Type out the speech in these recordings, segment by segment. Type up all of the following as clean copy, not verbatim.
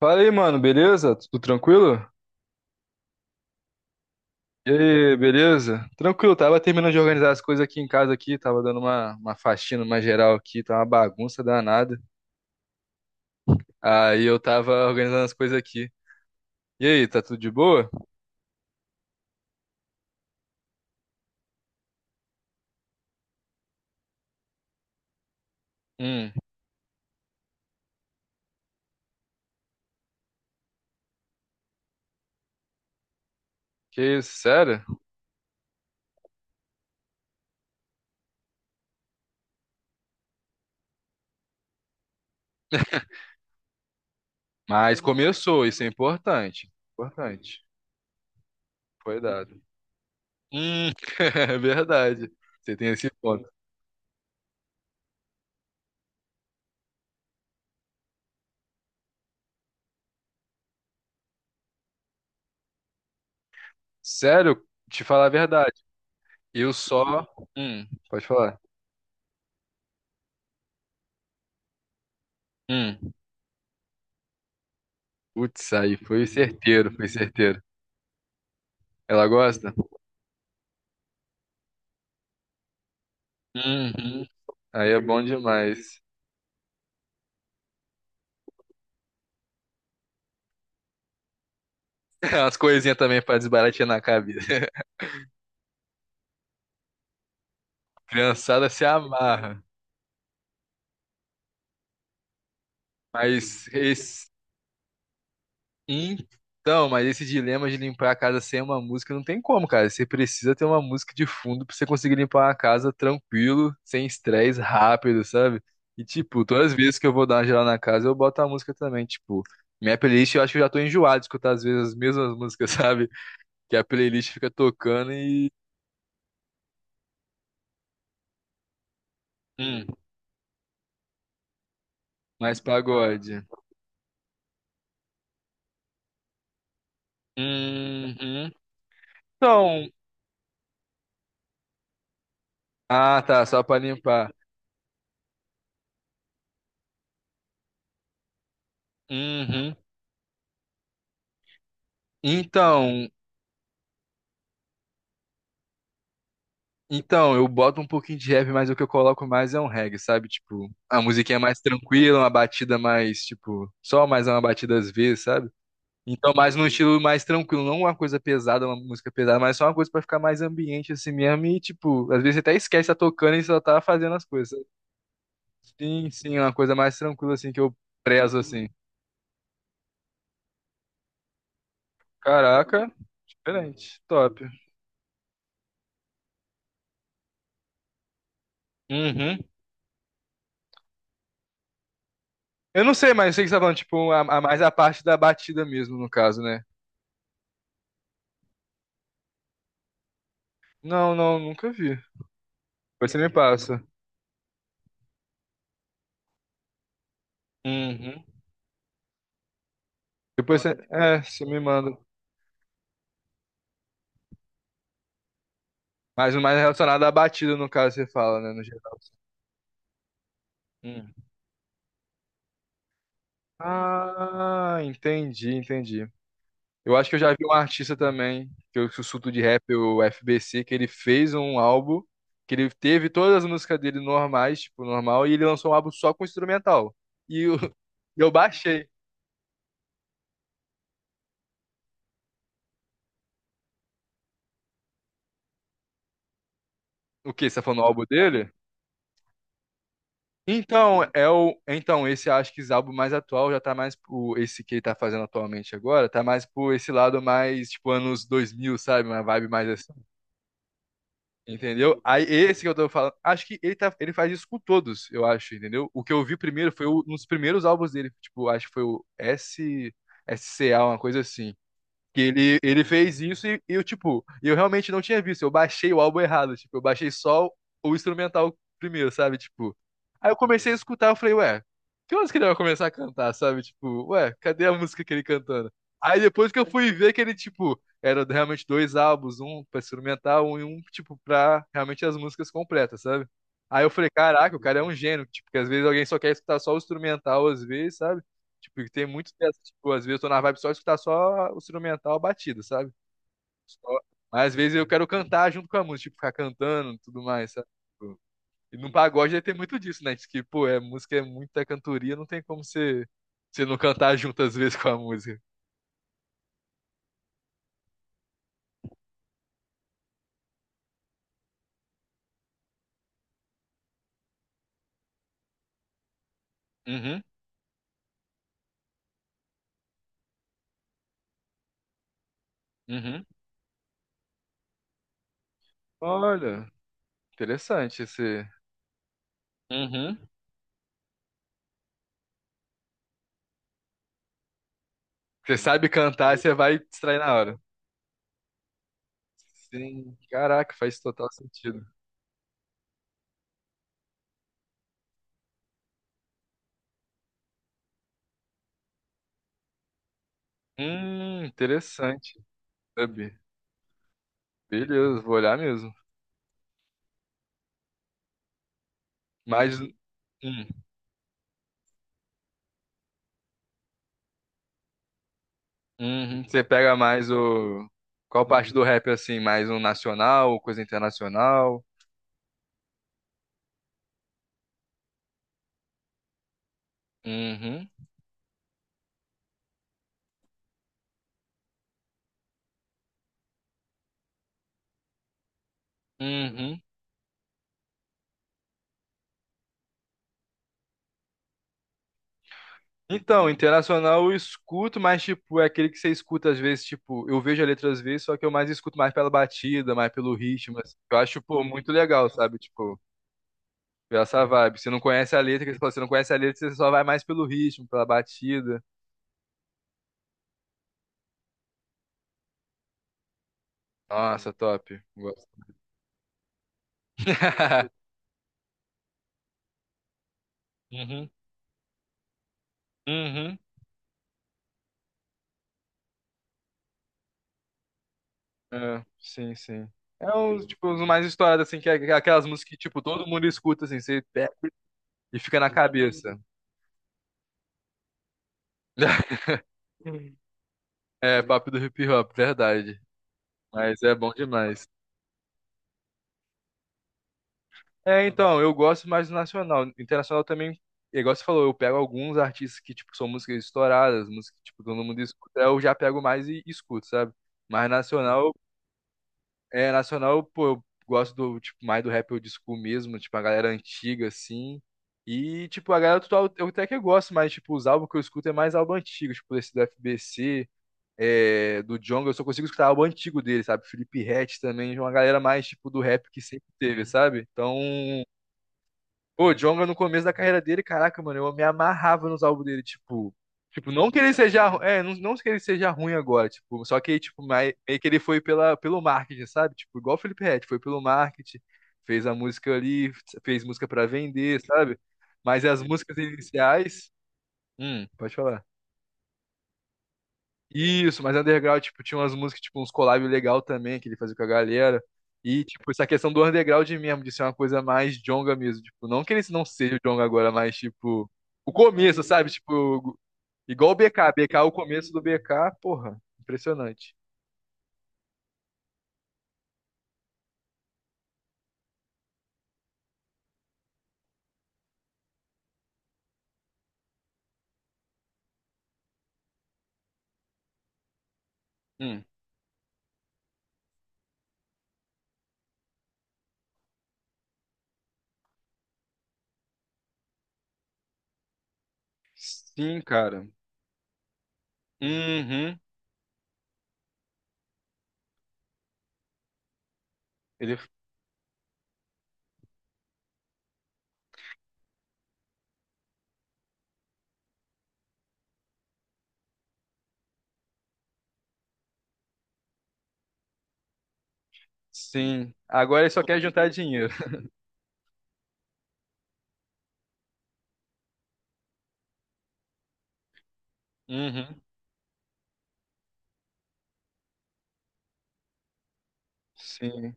Fala aí, mano, beleza? Tudo tranquilo? E aí, beleza? Tranquilo, tava terminando de organizar as coisas aqui em casa aqui, tava dando uma faxina, uma geral aqui, tá uma bagunça danada. Aí eu tava organizando as coisas aqui. E aí, tá tudo de boa? Hum. Que isso, sério? Mas começou, isso é importante. Importante. Foi dado. Hum. É verdade. Você tem esse ponto. Sério, te falar a verdade. Eu só. Hum. Pode falar. Hum. Putz, aí foi certeiro, foi certeiro. Ela gosta? Uhum. Aí é bom demais. As coisinhas também pra desbaratear na cabeça. Criançada se amarra. Mas esse. Então, mas esse dilema de limpar a casa sem uma música não tem como, cara. Você precisa ter uma música de fundo pra você conseguir limpar a casa tranquilo, sem estresse, rápido, sabe? E, tipo, todas as vezes que eu vou dar uma geral na casa, eu boto a música também. Tipo, minha playlist eu acho que eu já tô enjoado de escutar às vezes as mesmas músicas, sabe? Que a playlist fica tocando e. Hum. Mais pagode. Uhum. Então, ah, tá, só pra limpar. Uhum. Então, eu boto um pouquinho de rap, mas o que eu coloco mais é um reggae, sabe? Tipo, a musiquinha mais tranquila, uma batida mais, tipo, só mais uma batida às vezes, sabe? Então, mais num estilo mais tranquilo, não uma coisa pesada, uma música pesada, mas só uma coisa pra ficar mais ambiente assim mesmo e, tipo, às vezes você até esquece, tá tocando e só tá fazendo as coisas, sabe? Sim, sim, uma coisa mais tranquila assim que eu prezo assim. Caraca. Diferente. Top. Uhum. Eu não sei, mas eu sei que você tá falando, tipo, mais a parte da batida mesmo, no caso, né? Não, não, nunca vi. Depois você me passa. Uhum. Depois você. É, você me manda. Mas o mais relacionado à batida, no caso, você fala, né? No geral. Uhum. Ah, entendi, entendi. Eu acho que eu já vi um artista também, que eu sussurro de rap, o FBC, que ele fez um álbum, que ele teve todas as músicas dele normais, tipo, normal, e ele lançou um álbum só com instrumental. E eu, e eu baixei. O que você tá falando o álbum dele? Então, é o. Então, esse acho que esse álbum mais atual já tá mais pro. Esse que ele tá fazendo atualmente agora, tá mais pro esse lado mais, tipo, anos dois mil, sabe? Uma vibe mais assim. Entendeu? Aí esse que eu tô falando. Acho que ele, tá, ele faz isso com todos, eu acho, entendeu? O que eu vi primeiro foi o- um dos primeiros álbuns dele. Tipo, acho que foi o S, S C A uma coisa assim. Que ele fez isso e eu, tipo, eu realmente não tinha visto. Eu baixei o álbum errado, tipo, eu baixei só o instrumental primeiro, sabe? Tipo. Aí eu comecei a escutar, eu falei, ué, que horas que ele vai começar a cantar, sabe? Tipo, ué, cadê a música que ele cantando? Aí depois que eu fui ver que ele, tipo, era realmente dois álbuns, um pra instrumental um, e um, tipo, pra realmente as músicas completas, sabe? Aí eu falei, caraca, o cara é um gênio, tipo, que às vezes alguém só quer escutar só o instrumental, às vezes, sabe? Tipo, tem muito dessa, tipo, às vezes eu tô na vibe só de escutar só o instrumental, a batida, sabe? Só- Mas às vezes eu quero cantar junto com a música, tipo, ficar cantando e tudo mais, sabe? Tipo, e no pagode aí tem muito disso, né? Diz que, pô, é música, é muita cantoria, não tem como você, você não cantar junto às vezes com a música. Uhum, uhum. Olha, interessante esse. Uhum. Você sabe cantar, você vai distrair na hora. Sim, caraca, faz total sentido. Hum. Interessante. Sabe? Beleza, vou olhar mesmo. Mas Hum. Uhum. Você pega mais o. Qual parte do rap assim? Mais um nacional, coisa internacional? Uhum. Uhum. Então, internacional eu escuto, mas tipo, é aquele que você escuta às vezes, tipo, eu vejo a letra às vezes, só que eu mais escuto mais pela batida, mais pelo ritmo, assim. Eu acho, pô, muito legal, sabe? Tipo, essa vibe. Você não conhece a letra, que você fala, você não conhece a letra, você só vai mais pelo ritmo, pela batida. Nossa, top. Gosto. Uhum. Uhum. É, sim, sim. É uns, tipo, os mais estourados, assim, que é aquelas músicas que, tipo, todo mundo escuta, assim, você pe- e fica na cabeça. É, papo do hip hop, verdade. Mas é bom demais. É, então, eu gosto mais do nacional. Internacional também, igual você falou, eu pego alguns artistas que, tipo, são músicas estouradas, músicas que, tipo, todo mundo escuta, eu já pego mais e escuto, sabe? Mas nacional. É, nacional, pô, eu gosto do, tipo, mais do rap old school mesmo, tipo, a galera antiga, assim. E, tipo, a galera atual eu até que gosto, mas, tipo, os álbuns que eu escuto é mais álbum antigo, tipo, esse do FBC, é, do Djonga, eu só consigo escutar álbum antigo dele, sabe? Felipe Ret também, é uma galera mais, tipo, do rap que sempre teve, sabe? Então. Pô, Djonga no começo da carreira dele, caraca, mano, eu me amarrava nos álbuns dele, tipo. Tipo, não que ele seja. Ru- É, não, não que ele seja ruim agora, tipo, só que, tipo, mai- meio que ele foi pela, pelo marketing, sabe? Tipo, igual o Felipe Ret, foi pelo marketing, fez a música ali, fez música pra vender, sabe? Mas as músicas iniciais. Hum. Pode falar. Isso, mas underground, tipo, tinha umas músicas, tipo, uns collab legal também que ele fazia com a galera. E, tipo, essa questão do underground mesmo, de ser uma coisa mais jonga mesmo. Tipo, não que ele não seja o jonga agora, mas, tipo, o começo, sabe? Tipo, igual o BK. BK, o começo do BK, porra, impressionante. Hum, sim, cara. Uhum. Ele, sim. Agora ele só quer juntar dinheiro. Uhum. Sim.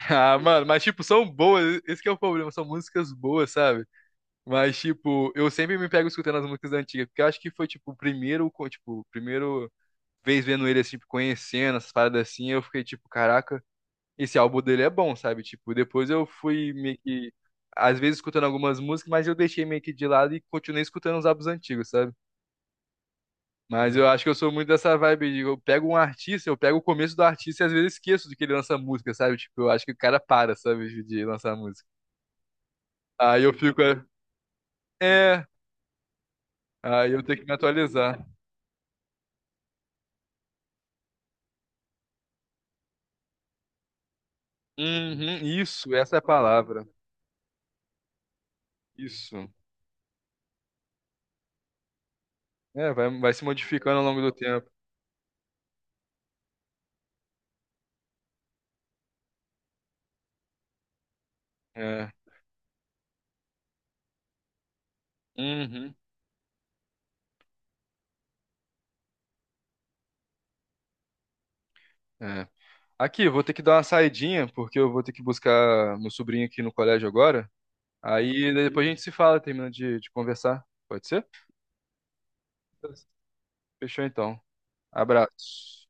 Ah, mano, mas, tipo, são boas. Esse que é o problema. São músicas boas, sabe? Mas, tipo, eu sempre me pego escutando as músicas antigas, porque eu acho que foi, tipo, o primeiro, co- tipo, o primeiro vez vendo ele, assim, tipo, conhecendo essas paradas assim, eu fiquei, tipo, caraca, esse álbum dele é bom, sabe? Tipo, depois eu fui meio que, às vezes, escutando algumas músicas, mas eu deixei meio que de lado e continuei escutando os álbuns antigos, sabe? Mas eu Uhum. acho que eu sou muito dessa vibe, de eu pego um artista, eu pego o começo do artista e às vezes esqueço de que ele lança música, sabe? Tipo, eu acho que o cara para, sabe, de lançar música. Aí eu fico, é, é, aí eu tenho que me atualizar. Uhum, isso, essa é a palavra. Isso. É, vai, vai se modificando ao longo do tempo. É. Uhum, é. Aqui, eu vou ter que dar uma saidinha, porque eu vou ter que buscar meu sobrinho aqui no colégio agora. Aí depois a gente se fala, terminando de conversar. Pode ser? Fechou então. Abraço.